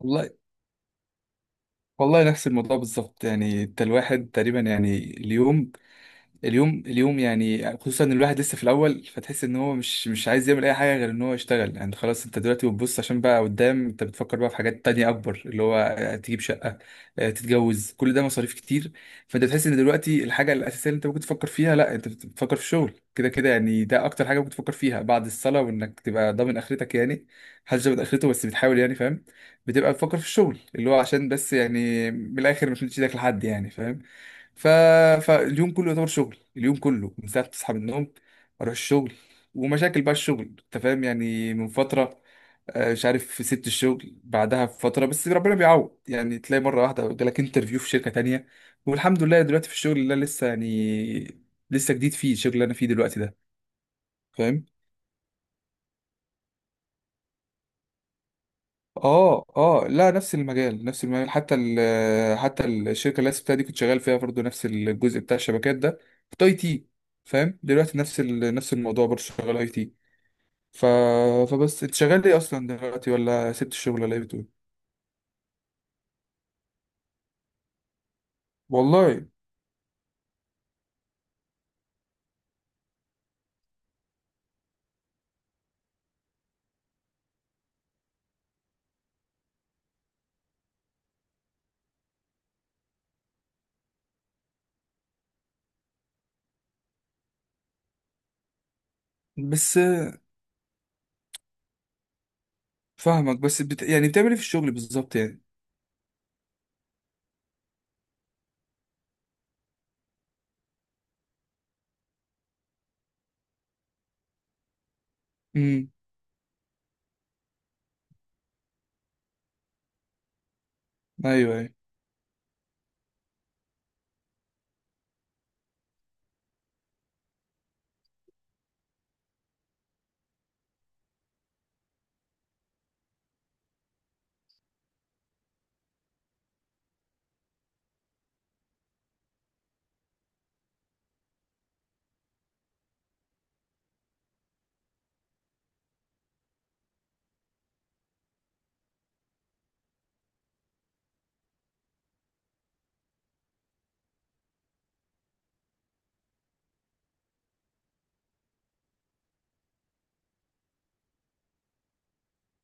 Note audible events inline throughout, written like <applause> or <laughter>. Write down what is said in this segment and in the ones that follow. والله والله نفس الموضوع بالظبط يعني انت الواحد تقريبا يعني اليوم يعني خصوصا ان الواحد لسه في الاول فتحس ان هو مش عايز يعمل اي حاجه غير ان هو يشتغل يعني خلاص. انت دلوقتي بتبص عشان بقى قدام، انت بتفكر بقى في حاجات تانية اكبر، اللي هو تجيب شقه، تتجوز، كل ده مصاريف كتير. فانت بتحس ان دلوقتي الحاجه الاساسيه اللي انت ممكن تفكر فيها، لا انت بتفكر في الشغل كده كده يعني. ده اكتر حاجه ممكن تفكر فيها بعد الصلاه، وانك تبقى ضامن اخرتك يعني. محدش ضامن اخرته بس بتحاول، يعني فاهم. بتبقى تفكر في الشغل اللي هو عشان بس يعني من الاخر مش مديش ايدك لحد، يعني فاهم. ف... فاليوم كله يعتبر شغل، اليوم كله من ساعة ما تصحى من النوم اروح الشغل، ومشاكل بقى الشغل انت فاهم. يعني من فترة مش عارف سبت الشغل بعدها بفترة، بس ربنا بيعوض يعني، تلاقي مرة واحدة جالك انترفيو في شركة تانية. والحمد لله دلوقتي في الشغل اللي أنا لسه يعني لسه جديد فيه، الشغل اللي انا فيه دلوقتي ده، فاهم. اه اه، لا نفس المجال نفس المجال، حتى حتى الشركه اللي أنا سبتها دي كنت شغال فيها برضه نفس الجزء بتاع الشبكات ده، كنت اي تي فاهم. دلوقتي نفس نفس الموضوع برضه، شغال اي تي. ف فبس، انت شغال ايه اصلا دلوقتي، ولا سبت الشغل ولا ايه بتقول؟ والله. بس فاهمك، يعني بتعمل ايه في الشغل بالظبط يعني؟ امم. ايوه أيوه.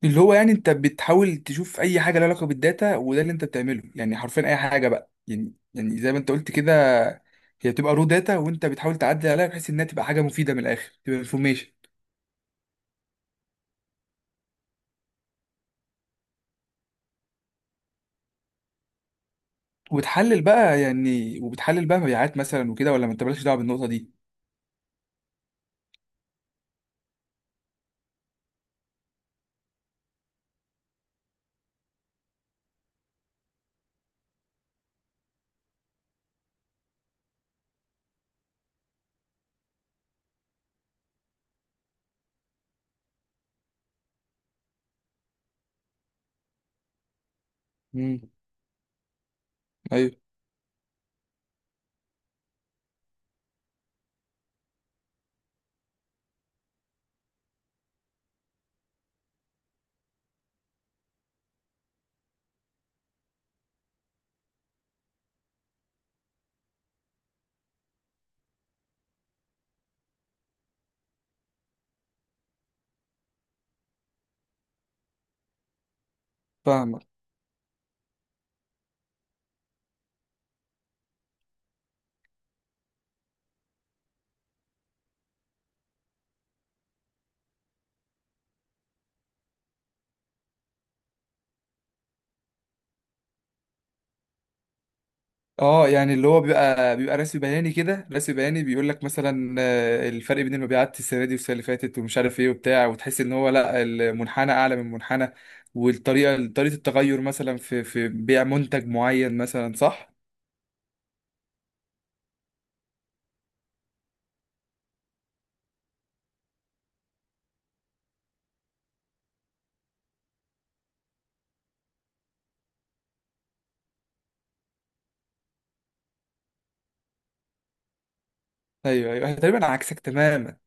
اللي هو يعني انت بتحاول تشوف اي حاجه لها علاقه بالداتا، وده اللي انت بتعمله يعني حرفيا اي حاجه بقى يعني، يعني زي ما انت قلت كده. هي بتبقى رو داتا وانت بتحاول تعدل عليها بحيث انها تبقى حاجه مفيده، من الاخر تبقى انفورميشن. وبتحلل بقى يعني، وبتحلل بقى مبيعات مثلا وكده، ولا ما انت مالكش دعوه بالنقطه دي؟ امم. ايوه. فاهمك. اه، يعني اللي هو بيبقى رسم بياني كده، رسم بياني بيقول لك مثلا، الفرق بين المبيعات السنه دي والسنه اللي فاتت ومش عارف ايه وبتاع، وتحس ان هو لا، المنحنى اعلى من المنحنى، والطريقه طريقه التغير مثلا في بيع منتج معين مثلا، صح؟ ايوه ايوه، تقريبا عكسك تماما.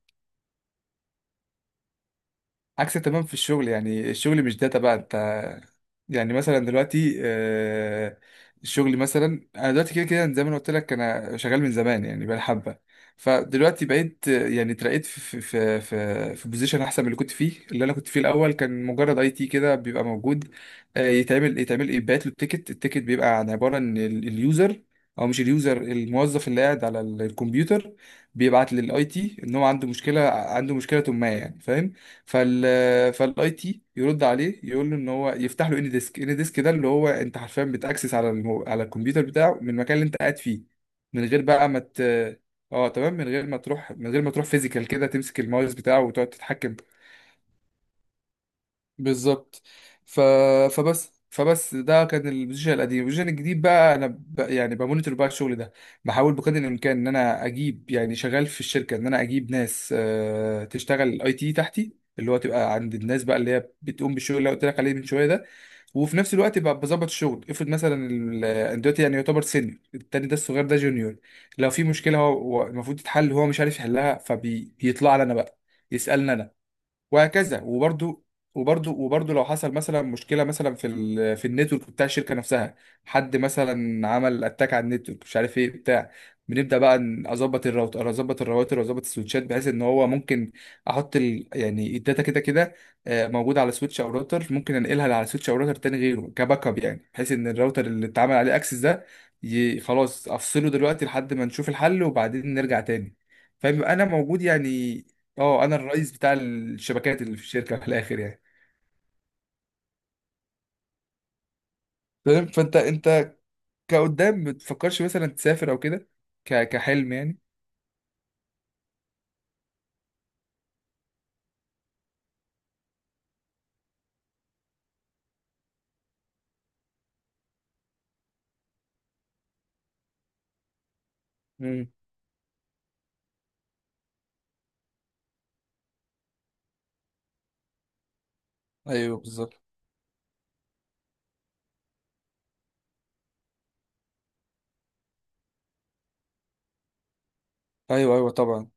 عكس تمام في الشغل يعني. الشغل مش داتا بقى انت، يعني مثلا دلوقتي، الشغل مثلا، انا دلوقتي كده كده زي ما أنا قلت لك انا شغال من زمان يعني، بقى حبه. فدلوقتي بقيت يعني اترقيت في بوزيشن احسن من اللي كنت فيه. اللي انا كنت فيه الاول كان مجرد اي تي، كده بيبقى موجود، يتعمل يبعت له التيكت. التيكت بيبقى عن عباره ان اليوزر، او مش اليوزر، الموظف اللي قاعد على الكمبيوتر، بيبعت للاي تي ان هو عنده مشكله، عنده مشكله ما يعني فاهم. فالاي تي يرد عليه يقول له ان هو يفتح له اني ديسك. اني ديسك ده اللي هو انت حرفيا بتاكسس على على الكمبيوتر بتاعه من المكان اللي انت قاعد فيه، من غير بقى ما مت... اه تمام، من غير ما تروح، من غير ما تروح فيزيكال كده تمسك الماوس بتاعه وتقعد تتحكم. بالظبط. ف... فبس ده كان البوزيشن القديم. البوزيشن الجديد بقى انا يعني بمونيتور بقى الشغل ده. بحاول بقدر الامكان ان انا اجيب يعني، شغال في الشركه ان انا اجيب ناس تشتغل اي تي تحتي، اللي هو تبقى عند الناس بقى اللي هي بتقوم بالشغل اللي أنا قلت لك عليه من شويه ده. وفي نفس الوقت بقى بظبط الشغل. افرض مثلا أنا دلوقتي يعني يعتبر سينيور، التاني ده الصغير ده جونيور. لو في مشكله هو، هو المفروض تتحل هو مش عارف يحلها، فبيطلع لي انا بقى يسالني أنا. وهكذا. وبرضو لو حصل مثلا مشكله مثلا في في النتورك بتاع الشركه نفسها، حد مثلا عمل اتاك على النتورك مش عارف ايه بتاع، بنبدا بقى اظبط الراوتر، اظبط الراوتر واظبط السويتشات، بحيث ان هو ممكن احط ال يعني الداتا كده كده، موجوده على سويتش او راوتر، ممكن انقلها على سويتش او راوتر تاني غيره كباك اب، يعني بحيث ان الراوتر اللي اتعمل عليه اكسس ده خلاص افصله دلوقتي لحد ما نشوف الحل، وبعدين نرجع تاني. فبيبقى انا موجود يعني، اه انا الرئيس بتاع الشبكات اللي في الشركه في الاخر يعني. فاهم. فانت انت كقدام ما تفكرش مثلا تسافر او كده، كحلم يعني؟ امم. ايوه بالظبط. ايوه ايوه طبعا.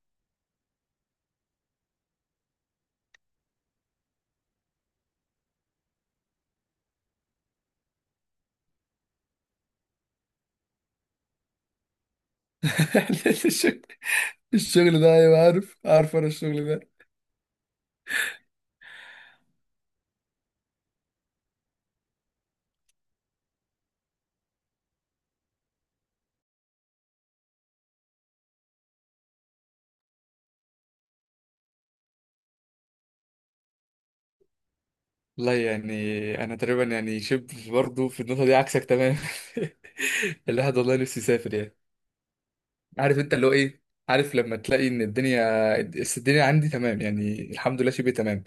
<laughs> الشغل، الشغل ده ايوه، عارف عارف انا الشغل ده. لا يعني انا تقريبا يعني شبه برضه في النقطه دي عكسك تمام. <laughs> الواحد والله نفسي يسافر يعني. عارف انت اللي هو ايه، عارف لما تلاقي ان الدنيا، بس الدنيا عندي تمام يعني الحمد لله شبه تمام،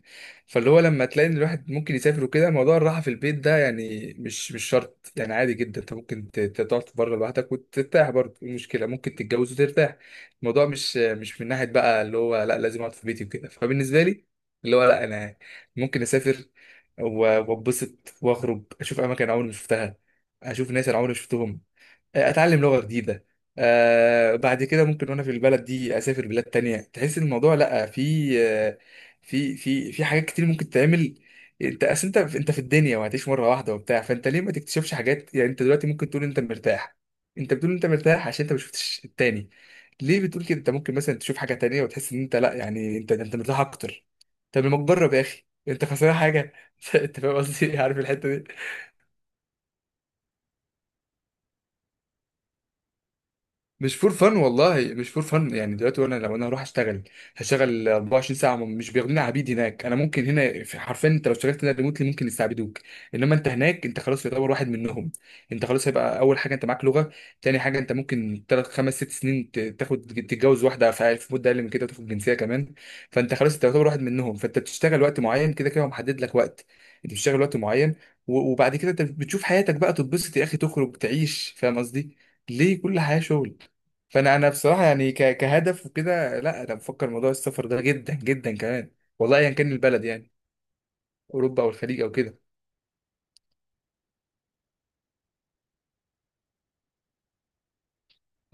فاللي هو لما تلاقي ان الواحد ممكن يسافر وكده، موضوع الراحه في البيت ده يعني مش شرط يعني. عادي جدا انت ممكن تقعد بره لوحدك وترتاح برضه، ايه المشكله؟ ممكن تتجوز وترتاح. الموضوع مش من ناحيه بقى اللي هو لا لازم اقعد في بيتي وكده. فبالنسبه لي اللي هو لا، انا ممكن اسافر، واتبسط واخرج اشوف اماكن عمري ما شفتها، اشوف ناس انا عمري ما شفتهم، اتعلم لغه جديده. آه، بعد كده ممكن وانا في البلد دي اسافر بلاد تانية، تحس ان الموضوع لا، في آه، في حاجات كتير ممكن تعمل. انت اصل انت، انت في الدنيا وهتعيش مره واحده وبتاع، فانت ليه ما تكتشفش حاجات يعني؟ انت دلوقتي ممكن تقول انت مرتاح، انت بتقول انت مرتاح عشان انت ما شفتش التاني. ليه بتقول كده؟ انت ممكن مثلا تشوف حاجه تانية وتحس ان انت لا يعني انت، انت مرتاح اكتر. طب لما تجرب يا اخي، انت خسران حاجه؟ <laughs> انت فاهم قصدي إيه؟ عارف الحته دي. مش فور فن والله، مش فور فن يعني. دلوقتي وانا لو انا هروح اشتغل هشتغل 24 ساعه، مش بياخدوني عبيد هناك. انا ممكن هنا في، حرفيا انت لو اشتغلت هنا ريموتلي ممكن يستعبدوك. انما انت هناك انت خلاص يعتبر واحد منهم. انت خلاص، هيبقى اول حاجه انت معاك لغه، تاني حاجه انت ممكن 3 5 6 سنين تاخد تتجوز واحده، في مده اقل من كده تاخد جنسيه كمان. فانت خلاص انت يعتبر واحد منهم. فانت بتشتغل وقت معين كده كده هو محدد لك وقت، انت بتشتغل وقت معين، وبعد كده انت بتشوف حياتك بقى، تتبسط يا اخي تخرج تعيش فاهم قصدي؟ ليه كل حياة شغل؟ فانا، انا بصراحه يعني كهدف وكده لا، انا بفكر موضوع السفر ده جدا جدا كمان، والله ايا كان البلد يعني، اوروبا او الخليج او كده.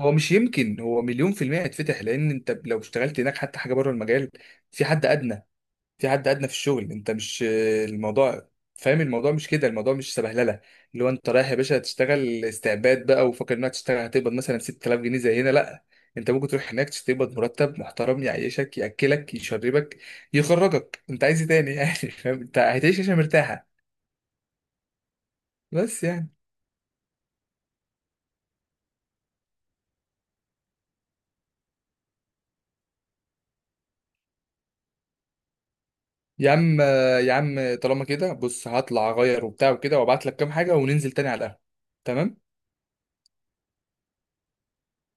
هو مش يمكن، هو 100% هيتفتح، لان انت لو اشتغلت هناك حتى حاجه بره المجال، في حد ادنى، في حد ادنى في الشغل. انت مش الموضوع، فاهم الموضوع مش كده. الموضوع مش سبهلله اللي هو انت رايح يا باشا تشتغل استعباد بقى وفاكر انك تشتغل هتقبض مثلا 6000 جنيه زي هنا، لا. انت ممكن تروح هناك تقبض مرتب محترم، يعيشك ياكلك يشربك يخرجك، انت عايز ايه تاني يعني؟ <laughs> فاهم، انت هتعيش عشان مرتاحه. بس يعني. يا عم، يا عم طالما كده بص هطلع اغير وبتاع وكده، وابعت لك كام حاجه وننزل تاني على القهوه. تمام.